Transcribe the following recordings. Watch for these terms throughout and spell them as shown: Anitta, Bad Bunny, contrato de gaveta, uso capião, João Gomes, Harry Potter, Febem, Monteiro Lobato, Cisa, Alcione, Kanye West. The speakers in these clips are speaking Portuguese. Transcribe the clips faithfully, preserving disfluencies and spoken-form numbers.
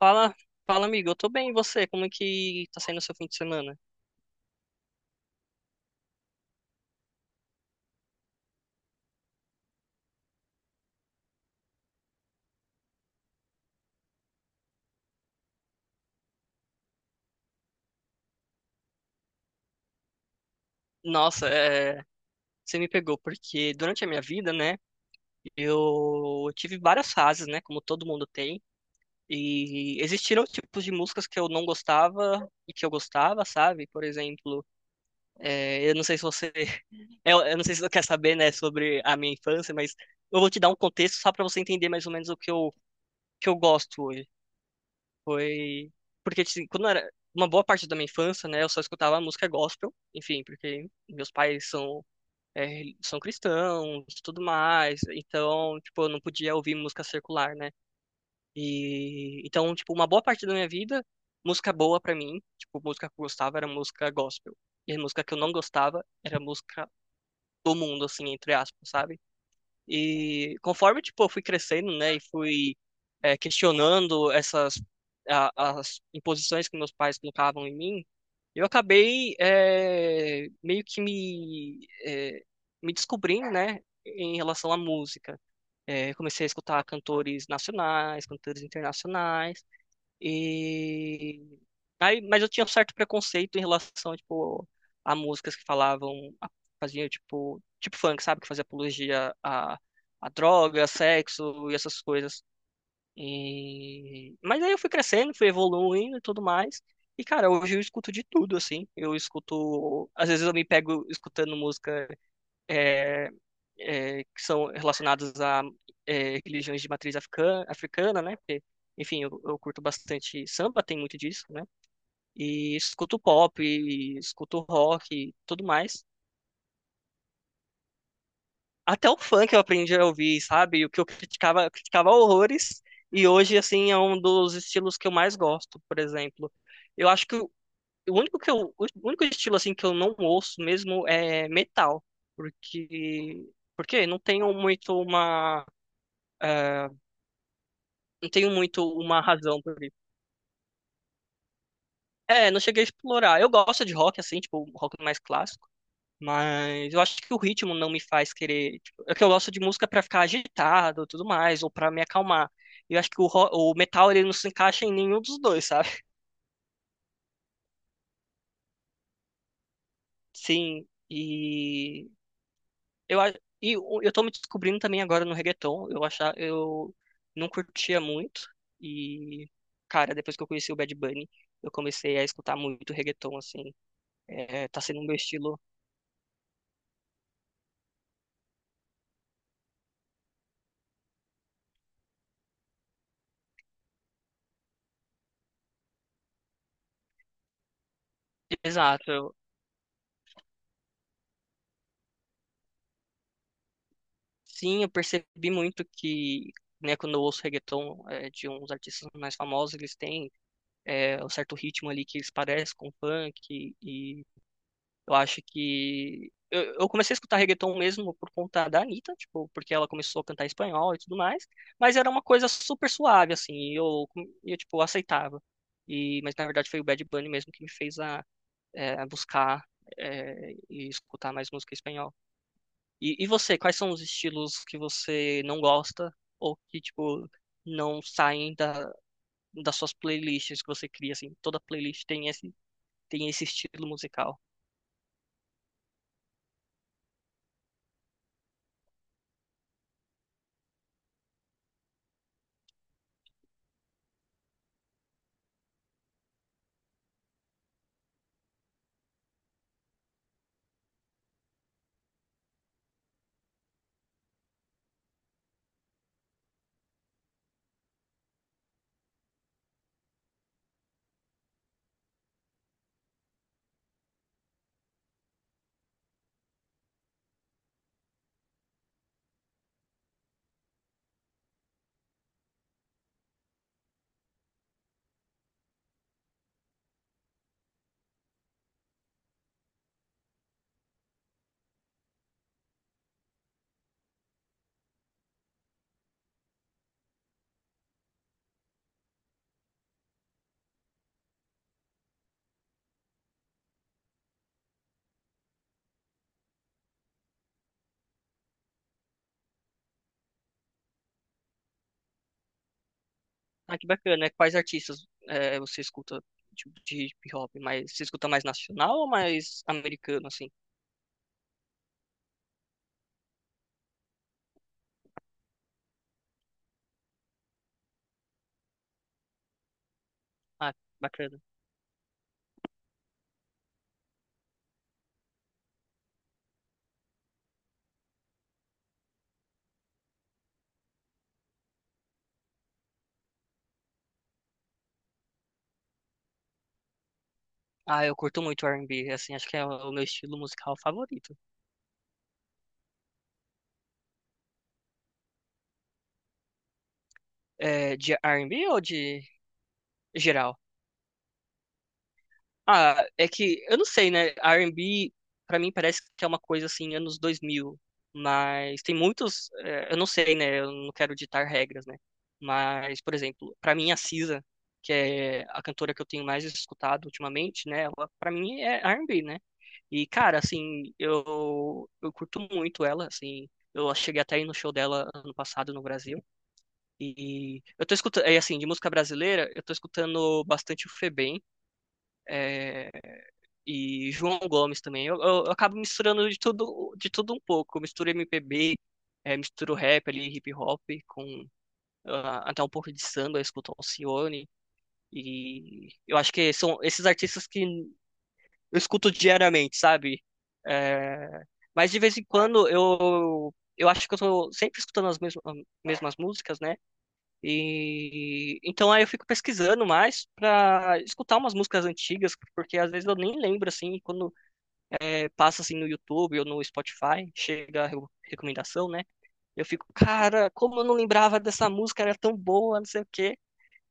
Fala, fala, amigo. Eu tô bem, e você? Como é que tá saindo o seu fim de semana? Nossa, é, você me pegou, porque durante a minha vida, né, eu tive várias fases, né, como todo mundo tem, e existiram tipos de músicas que eu não gostava e que eu gostava, sabe? Por exemplo, é, eu não sei se você, eu, eu não sei se você quer saber, né, sobre a minha infância, mas eu vou te dar um contexto só pra você entender mais ou menos o que eu, que eu gosto hoje. Foi. Porque, assim, quando era uma boa parte da minha infância, né, eu só escutava música gospel, enfim, porque meus pais são, é, são cristãos e tudo mais, então, tipo, eu não podia ouvir música circular, né? E então, tipo, uma boa parte da minha vida, música boa pra mim, tipo, música que eu gostava era música gospel. E a música que eu não gostava era música do mundo, assim, entre aspas, sabe? E conforme, tipo, eu fui crescendo, né, e fui é, questionando essas a- as imposições que meus pais colocavam em mim, eu acabei é, meio que me é, me descobrindo, né, em relação à música. É, comecei a escutar cantores nacionais, cantores internacionais, e aí, mas eu tinha um certo preconceito em relação, tipo, a músicas que falavam, a- faziam tipo, tipo funk, sabe, que fazia apologia a, a droga, sexo e essas coisas. E mas aí eu fui crescendo, fui evoluindo e tudo mais. E cara, hoje eu escuto de tudo assim. Eu escuto, às vezes eu me pego escutando música eh, é, que são relacionados a é, religiões de matriz africana, africana, né? Porque, enfim, eu, eu curto bastante samba, tem muito disso, né? E escuto pop, e escuto rock, e tudo mais. Até o funk eu aprendi a ouvir, sabe? O que eu criticava, eu criticava horrores, e hoje, assim, é um dos estilos que eu mais gosto, por exemplo. Eu acho que o o único que eu, o único estilo, assim, que eu não ouço mesmo é metal, porque, porque não tenho muito uma, eh, não tenho muito uma razão por isso. É, não cheguei a explorar. Eu gosto de rock, assim, tipo, rock mais clássico. Mas eu acho que o ritmo não me faz querer. Tipo, é que eu gosto de música pra ficar agitado e tudo mais, ou pra me acalmar. Eu acho que o, ro- o metal ele não se encaixa em nenhum dos dois, sabe? Sim, e eu, a- e o- eu tô me descobrindo também agora no reggaeton. Eu achava, eu não curtia muito. E, cara, depois que eu conheci o Bad Bunny, eu comecei a escutar muito reggaeton, assim. É, tá sendo o meu estilo. Exato. Sim, eu percebi muito que, né, quando eu ouço reggaeton é, de uns artistas mais famosos, eles têm é, um certo ritmo ali que eles parecem com funk e, eu acho que eu, eu comecei a escutar reggaeton mesmo por conta da Anitta, tipo, porque ela começou a cantar em espanhol e tudo mais, mas era uma coisa super suave assim, e eu e eu tipo aceitava. E mas na verdade foi o Bad Bunny mesmo que me fez a, é, a buscar é, e escutar mais música em espanhol. E, e você, quais são os estilos que você não gosta ou que, tipo, não saem da, das suas playlists que você cria, assim? Toda playlist tem esse, tem esse estilo musical. Ah, que bacana, né? Quais artistas eh, você escuta, tipo, de hip-hop? Mas você escuta mais nacional ou mais americano, assim? Ah, bacana. Ah, eu curto muito R e B, assim, acho que é o meu estilo musical favorito. É, de R e B ou de geral? Ah, é que eu não sei, né? R e B pra mim parece que é uma coisa assim anos dois mil, mas tem muitos, eh, eu não sei, né? Eu não quero ditar regras, né? Mas, por exemplo, pra mim a Cisa, que é a cantora que eu tenho mais escutado ultimamente, né? Ela para mim é R e B, né? E cara, assim, eu eu curto muito ela, assim, eu cheguei até aí no show dela ano passado no Brasil. E eu tô escutando, é assim, de música brasileira, eu tô escutando bastante o Febem. é, e João Gomes também. Eu, eu- eu acabo misturando de tudo, de tudo um pouco. Eu misturo M P B, eh, misturo rap ali, hip hop, com ah, até um pouco de samba, eu escuto Alcione. E eu acho que são esses artistas que eu escuto diariamente, sabe? Eh, mas de vez em quando eu. Eu acho que eu tô sempre escutando as mesmas, mesmas músicas, né? E então aí eu fico pesquisando mais pra escutar umas músicas antigas, porque às vezes eu nem lembro assim, quando passa assim no YouTube ou no Spotify, chega a re- recomendação, né? Eu fico, cara, como eu não lembrava dessa música, era tão boa, não sei o quê.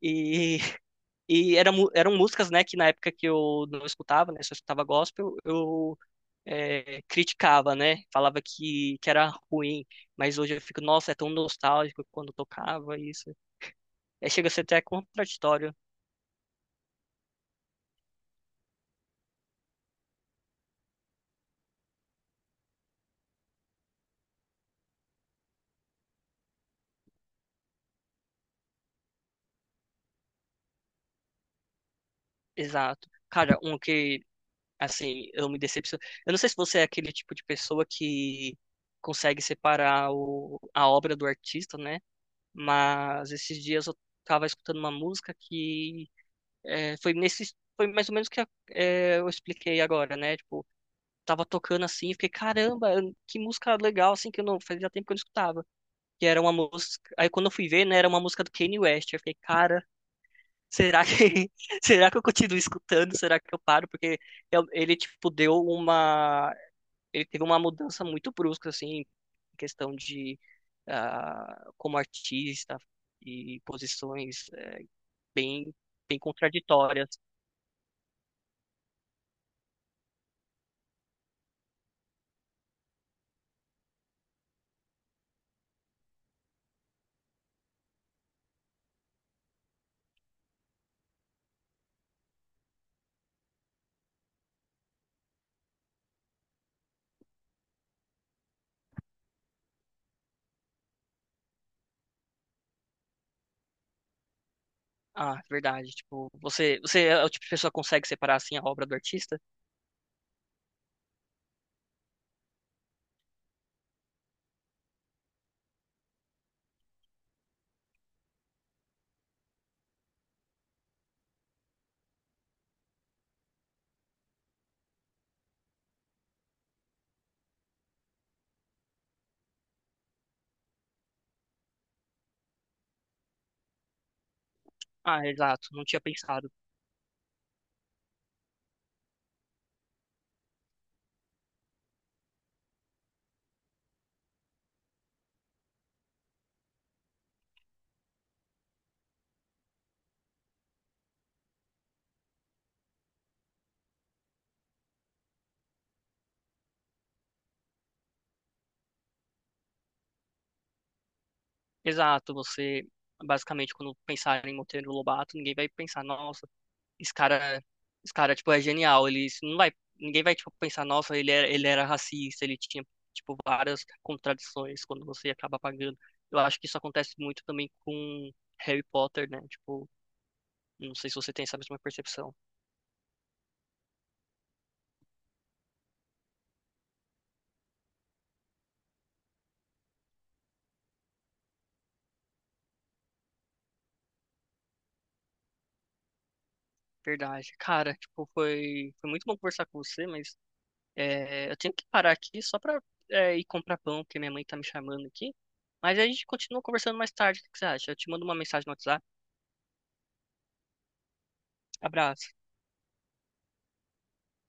E, e era, mu- eram músicas, né, que na época que eu não escutava, né, só escutava gospel, eu é, criticava, né, falava que, que era ruim, mas hoje eu fico, nossa, é tão nostálgico quando tocava isso. É, chega a ser até contraditório. Exato. Cara, um que Assim, eu me decepciono. Eu não sei se você é aquele tipo de pessoa que consegue separar o, a obra do artista, né? Mas esses dias eu tava escutando uma música que é, foi nesse, foi mais ou menos o que é, eu expliquei agora, né? Tipo, tava tocando assim, fiquei, caramba, que música legal, assim, que eu não fazia tempo que eu não escutava. Que era uma música. Aí quando eu fui ver, né, era uma música do Kanye West. Eu fiquei, cara, será que será que eu continuo escutando? Será que eu paro? Porque eu- ele, tipo, deu uma ele teve uma mudança muito brusca, assim, em questão de ah, como artista e posições eh, bem, bem contraditórias. Ah, é verdade. Tipo, você, você é o tipo de pessoa que consegue separar assim a obra do artista? Ah, exato. Não tinha pensado. Exato. Você, basicamente, quando pensar em Monteiro Lobato, ninguém vai pensar, nossa, esse cara, esse cara, tipo, é genial. Ele isso não vai, ninguém vai, tipo, pensar, nossa, ele era, ele era racista, ele tinha, tipo, várias contradições quando você acaba pagando. Eu acho que isso acontece muito também com Harry Potter, né? Tipo, não sei se você tem essa mesma percepção. Verdade. Cara, tipo, foi, foi muito bom conversar com você, mas é, eu tenho que parar aqui só pra é, ir comprar pão, porque minha mãe tá me chamando aqui. Mas a gente continua conversando mais tarde, o que que você acha? Eu te mando uma mensagem no WhatsApp. Abraço.